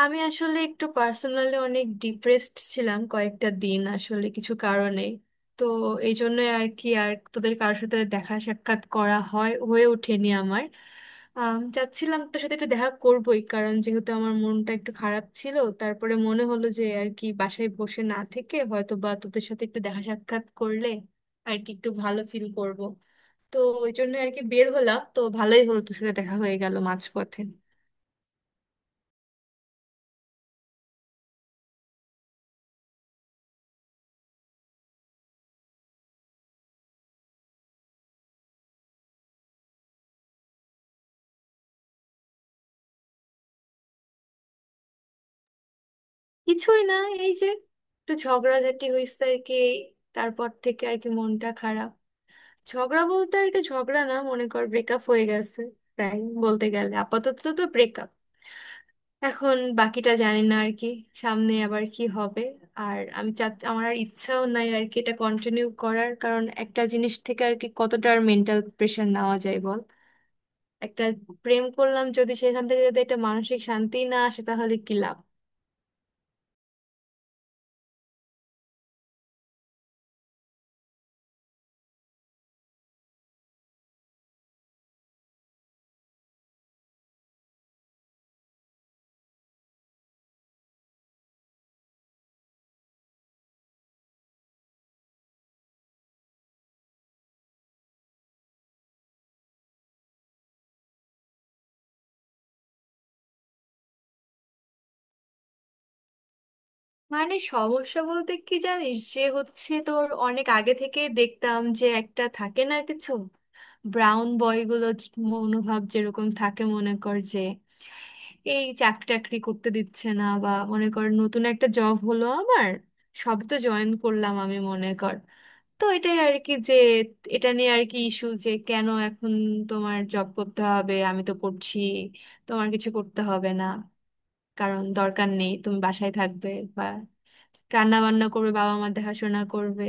আমি আসলে একটু পার্সোনালি অনেক ডিপ্রেসড ছিলাম কয়েকটা দিন, আসলে কিছু কারণে। তো এই জন্য আর কি আর তোদের কারোর সাথে দেখা সাক্ষাৎ করা হয়ে ওঠেনি আমার। চাচ্ছিলাম তোর সাথে একটু দেখা করবোই, কারণ যেহেতু আমার মনটা একটু খারাপ ছিল, তারপরে মনে হলো যে আর কি বাসায় বসে না থেকে হয়তো বা তোদের সাথে একটু দেখা সাক্ষাৎ করলে আর কি একটু ভালো ফিল করব। তো ওই জন্য আর কি বের হলাম, তো ভালোই হলো, তোর সাথে দেখা হয়ে গেল মাঝপথে। কিছুই না, এই যে একটু ঝগড়াঝাটি হইছে আর কি, এই তারপর থেকে আর কি মনটা খারাপ। ঝগড়া বলতে আর কি ঝগড়া না, মনে কর ব্রেকআপ হয়ে গেছে প্রায় বলতে গেলে, আপাতত তো ব্রেকআপ। এখন বাকিটা জানি না আর কি সামনে আবার কি হবে। আর আমি চা, আমার আর ইচ্ছাও নাই আর কি এটা কন্টিনিউ করার, কারণ একটা জিনিস থেকে আর কি কতটা আর মেন্টাল প্রেশার নেওয়া যায় বল। একটা প্রেম করলাম, যদি সেখান থেকে যদি একটা মানসিক শান্তি না আসে তাহলে কি লাভ? মানে সমস্যা বলতে কি জানিস, যে হচ্ছে তোর, অনেক আগে থেকে দেখতাম যে একটা থাকে না কিছু ব্রাউন বয়গুলো মনোভাব যেরকম থাকে, মনে কর যে এই চাকরি টাকরি করতে দিচ্ছে না, বা মনে কর নতুন একটা জব হলো আমার, সব তো জয়েন করলাম আমি মনে কর। তো এটাই আর কি, যে এটা নিয়ে আর কি ইস্যু, যে কেন এখন তোমার জব করতে হবে, আমি তো করছি, তোমার কিছু করতে হবে না, কারণ দরকার নেই, তুমি বাসায় থাকবে বা রান্না বান্না করবে, বাবা মা দেখাশোনা করবে।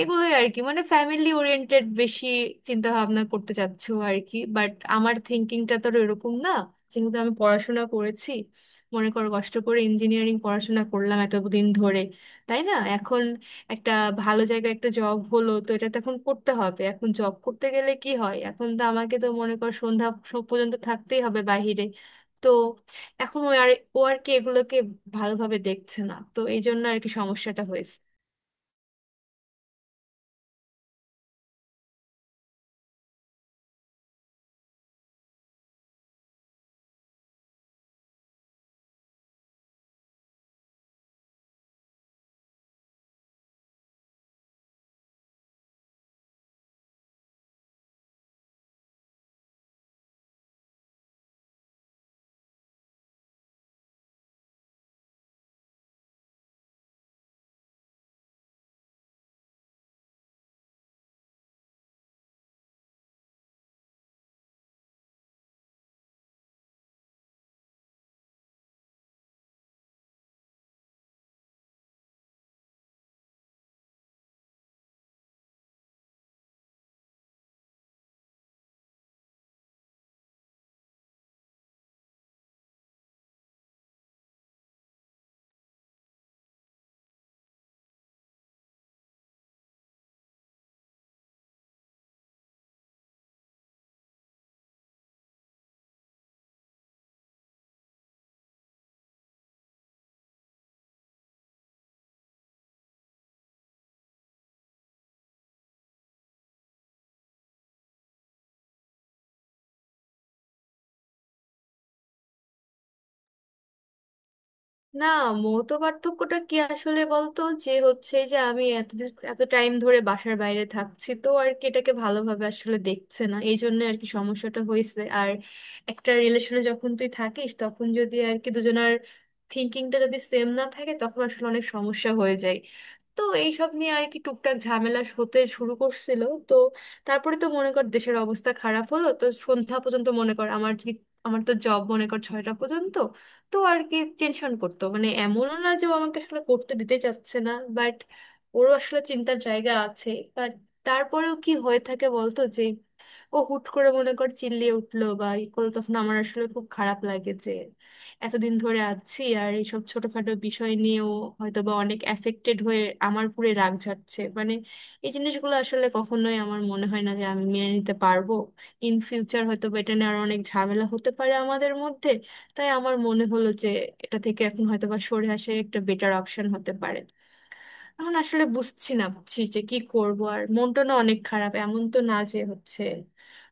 এগুলোই আর কি, মানে ফ্যামিলি ওরিয়েন্টেড বেশি চিন্তা ভাবনা করতে চাচ্ছো আর কি, বাট আমার থিঙ্কিংটা তো এরকম না। যেহেতু আমি পড়াশোনা করেছি, মনে করো কষ্ট করে ইঞ্জিনিয়ারিং পড়াশোনা করলাম এতদিন ধরে, তাই না, এখন একটা ভালো জায়গায় একটা জব হলো, তো এটা তো এখন করতে হবে। এখন জব করতে গেলে কি হয়, এখন তো আমাকে তো মনে কর সন্ধ্যা পর্যন্ত থাকতেই হবে বাইরে। তো এখন ও আর কি এগুলোকে ভালোভাবে দেখছে না, তো এই জন্য আর কি সমস্যাটা হয়েছে। না, মত পার্থক্যটা কি আসলে বলতো, যে হচ্ছে যে আমি এতদিন এত টাইম ধরে বাসার বাইরে থাকছি, তো আর কি এটাকে ভালোভাবে আসলে দেখছে না, এই জন্য আর কি সমস্যাটা হয়েছে। আর একটা রিলেশনে যখন তুই থাকিস, তখন যদি আর কি দুজনের থিঙ্কিংটা যদি সেম না থাকে, তখন আসলে অনেক সমস্যা হয়ে যায়। তো এইসব নিয়ে আর কি টুকটাক ঝামেলা হতে শুরু করছিল। তো তারপরে তো মনে কর দেশের অবস্থা খারাপ হলো, তো সন্ধ্যা পর্যন্ত মনে কর আমার তো জব মনে কর ছয়টা পর্যন্ত, তো আর কি টেনশন করতো। মানে এমনও না যে ও আমাকে আসলে করতে দিতে চাচ্ছে না, বাট ওরও আসলে চিন্তার জায়গা আছে। বাট তারপরেও কি হয়ে থাকে বলতো, যে ও হুট করে মনে কর চিল্লিয়ে উঠলো বা ই করলো, তখন আমার আসলে খুব খারাপ লাগে। যে এতদিন ধরে আছি, আর এইসব ছোটখাটো বিষয় নিয়েও হয়তো বা অনেক অ্যাফেক্টেড হয়ে আমার পুরে রাগ ঝাড়ছে। মানে এই জিনিসগুলো আসলে কখনোই আমার মনে হয় না যে আমি মেনে নিতে পারবো। ইন ফিউচার হয়তো বা এটা নিয়ে আরো অনেক ঝামেলা হতে পারে আমাদের মধ্যে, তাই আমার মনে হলো যে এটা থেকে এখন হয়তো বা সরে আসা একটা বেটার অপশন হতে পারে। এখন আসলে বুঝছি না, বুঝছি যে কি করব, আর মনটা না অনেক খারাপ। এমন তো না যে হচ্ছে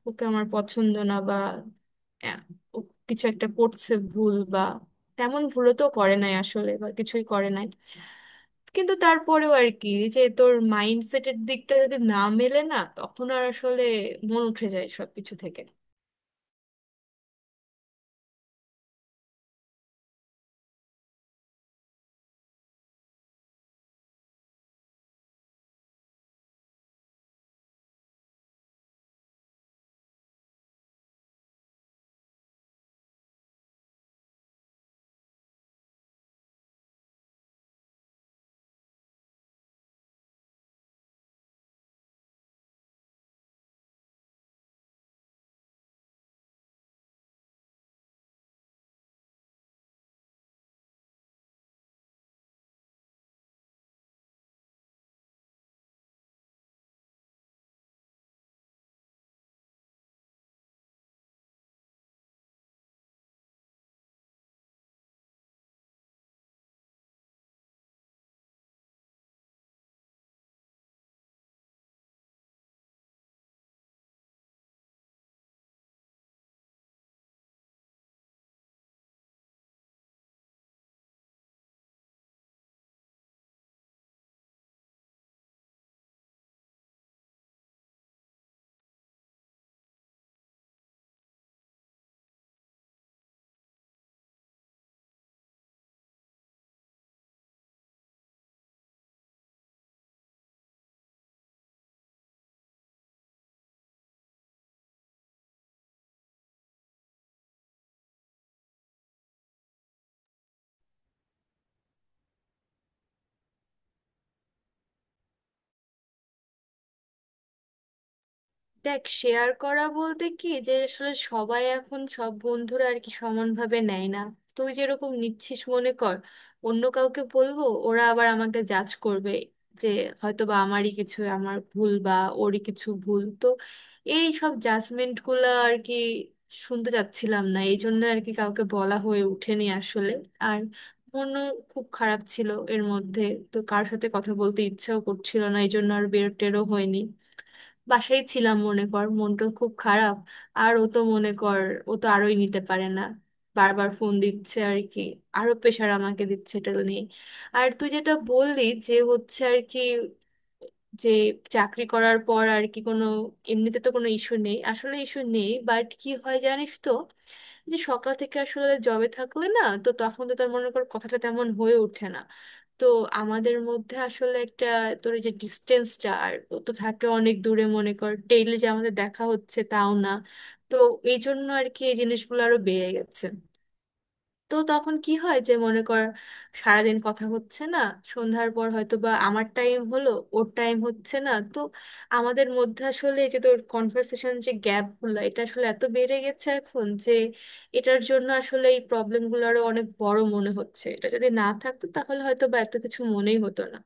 ওকে আমার পছন্দ না বা, আহ, ও কিছু একটা করছে ভুল, বা তেমন ভুলও তো করে নাই আসলে, বা কিছুই করে নাই। কিন্তু তারপরেও আর কি, যে তোর মাইন্ডসেটের দিকটা যদি না মেলে না, তখন আর আসলে মন উঠে যায় সবকিছু থেকে। দেখ, শেয়ার করা বলতে কি, যে আসলে সবাই এখন সব বন্ধুরা আর কি সমানভাবে নেয় না। তুই যেরকম নিচ্ছিস মনে কর, অন্য কাউকে বলবো ওরা আবার আমাকে জাজ করবে, যে হয়তো বা আমারই কিছু, আমার ভুল, বা ওরই কিছু ভুল। তো এই সব জাজমেন্ট গুলা আর কি শুনতে চাচ্ছিলাম না, এই জন্য আর কি কাউকে বলা হয়ে ওঠেনি আসলে। আর মনও খুব খারাপ ছিল এর মধ্যে, তো কার সাথে কথা বলতে ইচ্ছাও করছিল না, এই জন্য আর বের টেরও হয়নি। বাসায় ছিলাম মনে কর, মনটা খুব খারাপ। আর ও তো মনে কর, ও তো আরোই নিতে পারে না, বারবার ফোন দিচ্ছে আর কি, আরো প্রেশার আমাকে দিচ্ছে এটা নিয়ে। আর তুই যেটা বললি, যে হচ্ছে আর কি, যে চাকরি করার পর আর কি কোনো, এমনিতে তো কোনো ইস্যু নেই আসলে, ইস্যু নেই, বাট কি হয় জানিস তো, যে সকাল থেকে আসলে জবে থাকলে না, তো তখন তো তার মনে কর কথাটা তেমন হয়ে ওঠে না। তো আমাদের মধ্যে আসলে একটা, তোর এই যে ডিস্টেন্সটা, আর ও তো থাকে অনেক দূরে মনে কর, ডেইলি যে আমাদের দেখা হচ্ছে তাও না। তো এই জন্য আর কি এই জিনিসগুলো আরো বেড়ে গেছে। তো তখন কি হয়, যে মনে কর সারাদিন কথা হচ্ছে না, সন্ধ্যার পর হয়তো বা আমার টাইম হলো, ওর টাইম হচ্ছে না। তো আমাদের মধ্যে আসলে এই যে তোর কনভার্সেশন, যে গ্যাপ গুলো এটা আসলে এত বেড়ে গেছে এখন, যে এটার জন্য আসলে এই প্রবলেম গুলো আরো অনেক বড় মনে হচ্ছে। এটা যদি না থাকতো তাহলে হয়তো বা এত কিছু মনেই হতো না।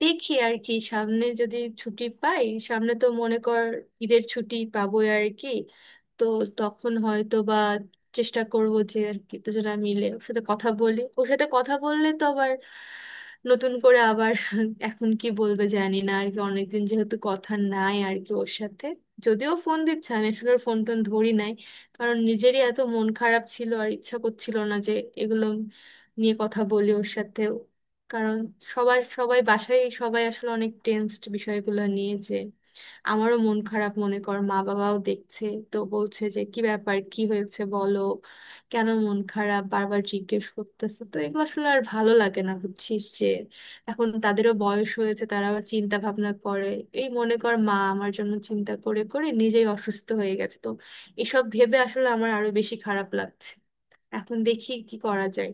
দেখি আর কি, সামনে যদি ছুটি পাই, সামনে তো মনে কর ঈদের ছুটি পাবোই আর কি। তো তখন হয়তো বা চেষ্টা করব যে আর কি দুজনা মিলে ওর সাথে কথা বলি। ওর সাথে কথা বললে তো আবার নতুন করে আবার এখন কি বলবে জানি না আর কি, অনেকদিন যেহেতু কথা নাই আর কি ওর সাথে। যদিও ফোন দিচ্ছে, আমি আসলে ওর ফোন টোন ধরি নাই, কারণ নিজেরই এত মন খারাপ ছিল, আর ইচ্ছা করছিল না যে এগুলো নিয়ে কথা বলি ওর সাথে। কারণ সবাই বাসায়, সবাই আসলে অনেক টেনসড বিষয়গুলো নিয়ে। যে আমারও মন খারাপ মনে কর, মা বাবাও দেখছে, তো বলছে যে কি ব্যাপার, কি হয়েছে বলো, কেন মন খারাপ, বারবার জিজ্ঞেস করতেছে। তো এগুলো আসলে আর ভালো লাগে না বুঝছিস, যে এখন তাদেরও বয়স হয়েছে, তারাও চিন্তা ভাবনা করে। এই মনে কর মা আমার জন্য চিন্তা করে করে নিজেই অসুস্থ হয়ে গেছে। তো এসব ভেবে আসলে আমার আরো বেশি খারাপ লাগছে। এখন দেখি কি করা যায়।